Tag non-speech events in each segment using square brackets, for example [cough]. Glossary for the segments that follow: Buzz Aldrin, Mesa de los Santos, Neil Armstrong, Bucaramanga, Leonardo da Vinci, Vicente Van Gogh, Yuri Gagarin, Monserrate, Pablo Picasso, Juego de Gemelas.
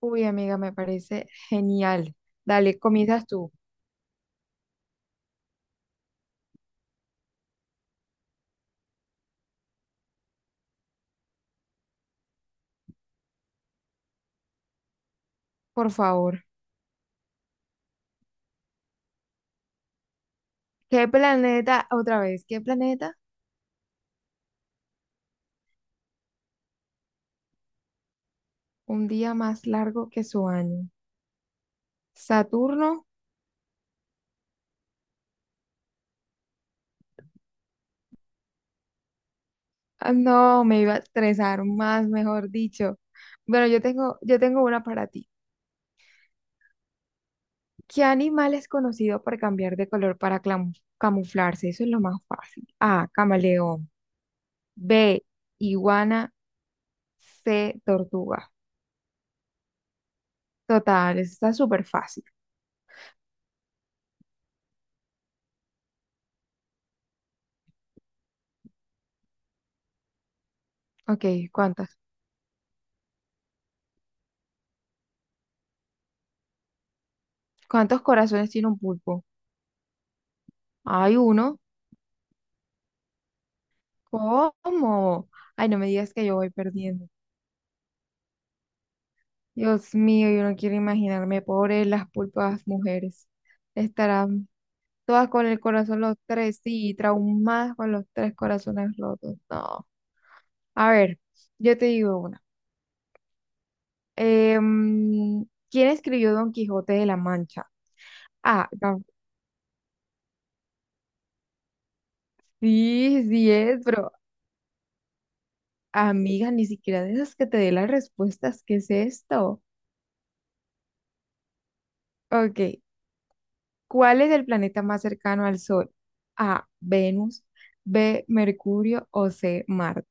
Uy, amiga, me parece genial. Dale, comienzas tú, por favor. ¿Qué planeta, otra vez, qué planeta? Un día más largo que su año. ¿Saturno? Ah, no, me iba a estresar más, mejor dicho. Bueno, yo tengo una para ti. ¿Qué animal es conocido por cambiar de color para camuflarse? Eso es lo más fácil. A, camaleón. B, iguana. C, tortuga. Total, eso está súper fácil. Ok, ¿cuántas? ¿Cuántos corazones tiene un pulpo? Hay uno. ¿Cómo? Ay, no me digas que yo voy perdiendo. Dios mío, yo no quiero imaginarme, pobres las pulpas mujeres. Estarán todas con el corazón los tres, sí, traumadas con los tres corazones rotos. No. A ver, yo te digo una. Em, ¿Quién escribió Don Quijote de la Mancha? Ah, no. Sí, sí es, pero amiga, ni siquiera de esas que te dé las respuestas. ¿Qué es esto? Ok, ¿cuál es el planeta más cercano al Sol? A, Venus, B, Mercurio o C, Marte.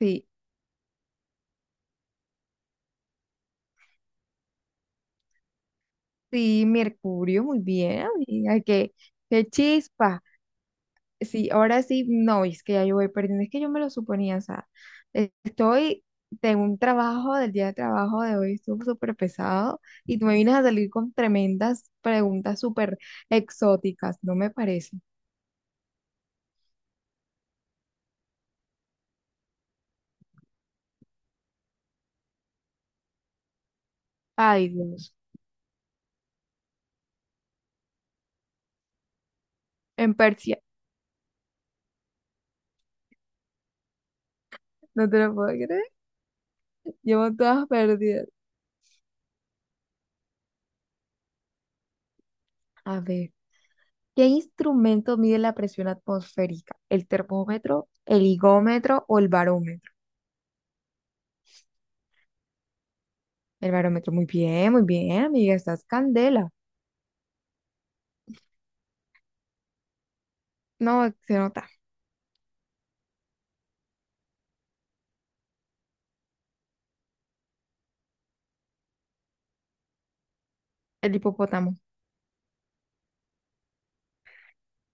Sí, sí, Mercurio, muy bien, amiga, qué chispa. Sí, ahora sí, no, es que ya yo voy perdiendo, es que yo me lo suponía, o sea, estoy tengo un trabajo, del día de trabajo de hoy estuvo súper pesado y tú me vienes a salir con tremendas preguntas súper exóticas, no me parece. Ay, Dios, en Persia, no te lo puedo creer, llevo todas perdidas. A ver, ¿qué instrumento mide la presión atmosférica? ¿El termómetro, el higómetro o el barómetro? El barómetro, muy bien, amiga, estás candela. No, se nota, el hipopótamo.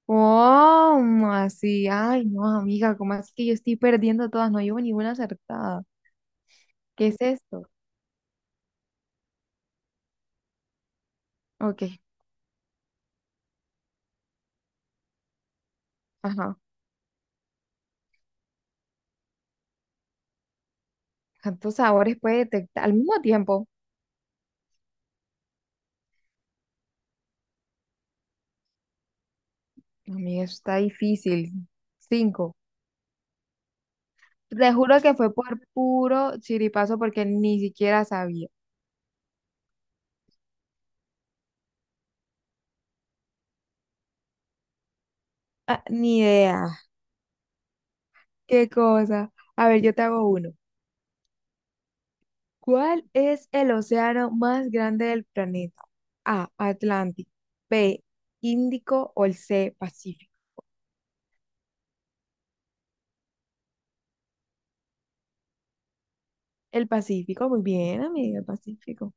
¿Cómo así? Ay, no, amiga, ¿cómo así que yo estoy perdiendo todas? No llevo ninguna acertada. ¿Qué es esto? Ok, ajá. ¿Cuántos sabores puede detectar al mismo tiempo? Amiga, eso está difícil. Cinco. Te juro que fue por puro chiripazo porque ni siquiera sabía. Ah, ni idea. Qué cosa. A ver, yo te hago uno. ¿Cuál es el océano más grande del planeta? A, Atlántico. B, Índico o el C, Pacífico. El Pacífico, muy bien, amiga, el Pacífico.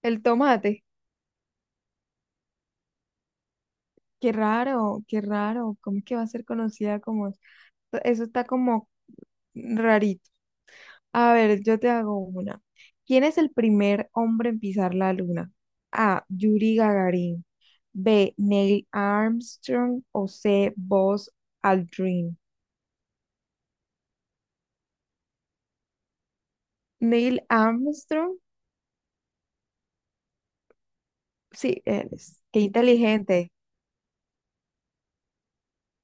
El tomate. Qué raro, qué raro. ¿Cómo es que va a ser conocida como... Eso está como rarito. A ver, yo te hago una. ¿Quién es el primer hombre en pisar la luna? A, Yuri Gagarin. B, Neil Armstrong. O C, Buzz Aldrin. Neil Armstrong. Sí, él es. Qué inteligente.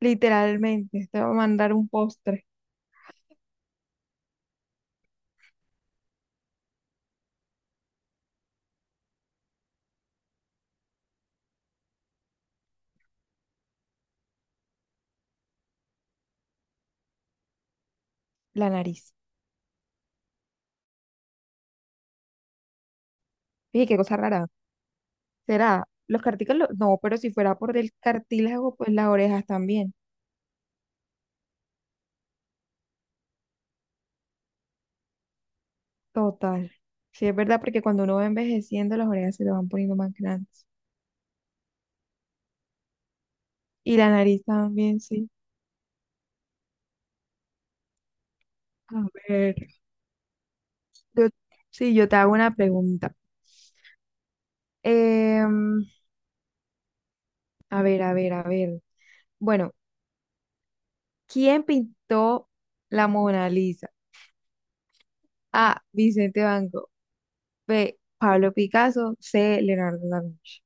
Literalmente. Te va a mandar un postre. La nariz. Fíjate qué cosa rara. ¿Será? Los cartílagos. No, pero si fuera por el cartílago, pues las orejas también. Total. Sí, es verdad, porque cuando uno va envejeciendo, las orejas se le van poniendo más grandes. Y la nariz también, sí. A ver, Yo, sí, yo te hago una pregunta. Em, a ver, a ver, a ver. Bueno, ¿quién pintó la Mona Lisa? A, Vicente Van Gogh. B, Pablo Picasso. C, Leonardo da Vinci.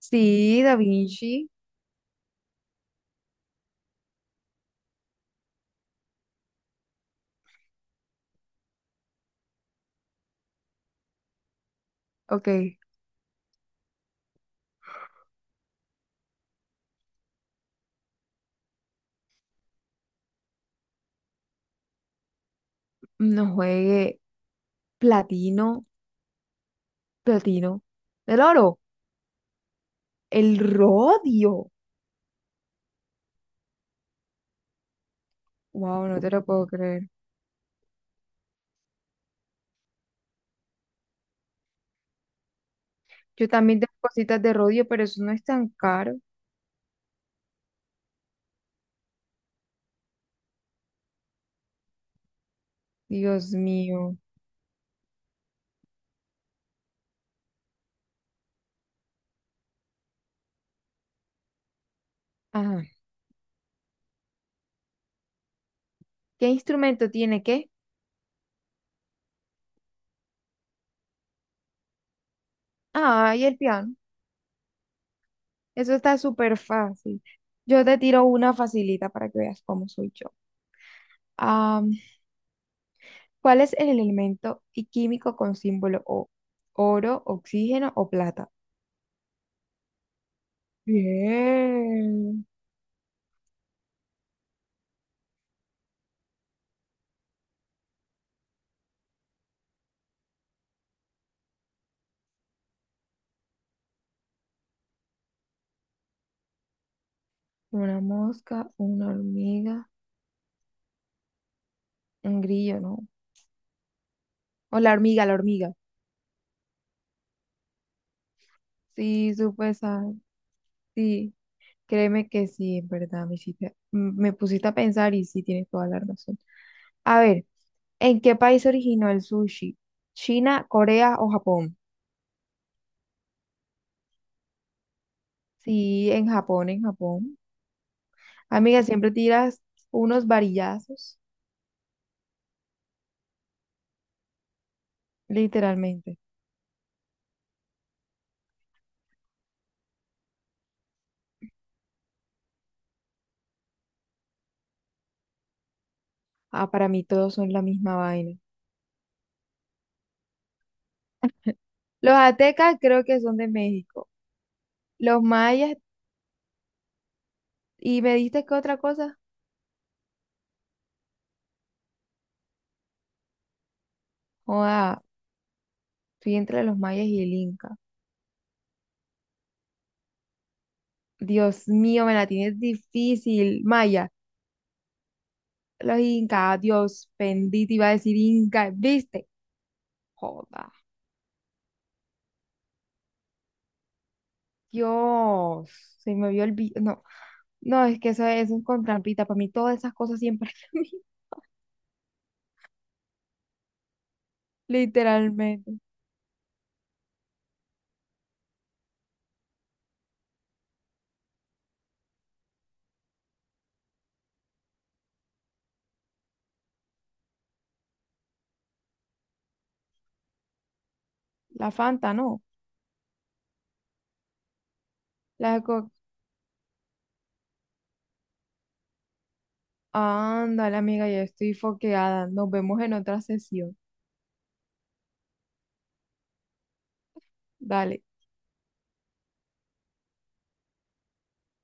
Sí, da Vinci. Ok. No juegue. Platino. Platino. El oro. El rodio. Wow, no te lo puedo creer. Yo también tengo cositas de rodio, pero eso no es tan caro. Dios mío. Ajá. ¿Qué instrumento tiene qué? Ay, el piano. Eso está súper fácil. Yo te tiro una facilita para que veas cómo soy yo. Am, ¿Cuál es el elemento y químico con símbolo O? ¿Oro, oxígeno o plata? Bien. Una mosca, una hormiga, un grillo, ¿no? O la hormiga, la hormiga. Sí, supe esa. Sí, créeme que sí, en verdad, me pusiste a pensar y sí tienes toda la razón. A ver. ¿En qué país se originó el sushi? ¿China, Corea o Japón? Sí, en Japón, en Japón. Amiga, siempre tiras unos varillazos, literalmente. Ah, para mí todos son la misma vaina. Los aztecas creo que son de México. Los mayas, ¿y me diste qué otra cosa? Joda, estoy entre los mayas y el inca. Dios mío, me la tienes difícil. Maya, los incas, Dios bendito, iba a decir inca, ¿viste? Joda. Dios, se me vio el vi- no, no, es que eso, es con trampita. Para mí todas esas cosas siempre, [laughs] a mí, literalmente. La Fanta, no. La Coca. Ándale, amiga, ya estoy foqueada. Nos vemos en otra sesión. Dale.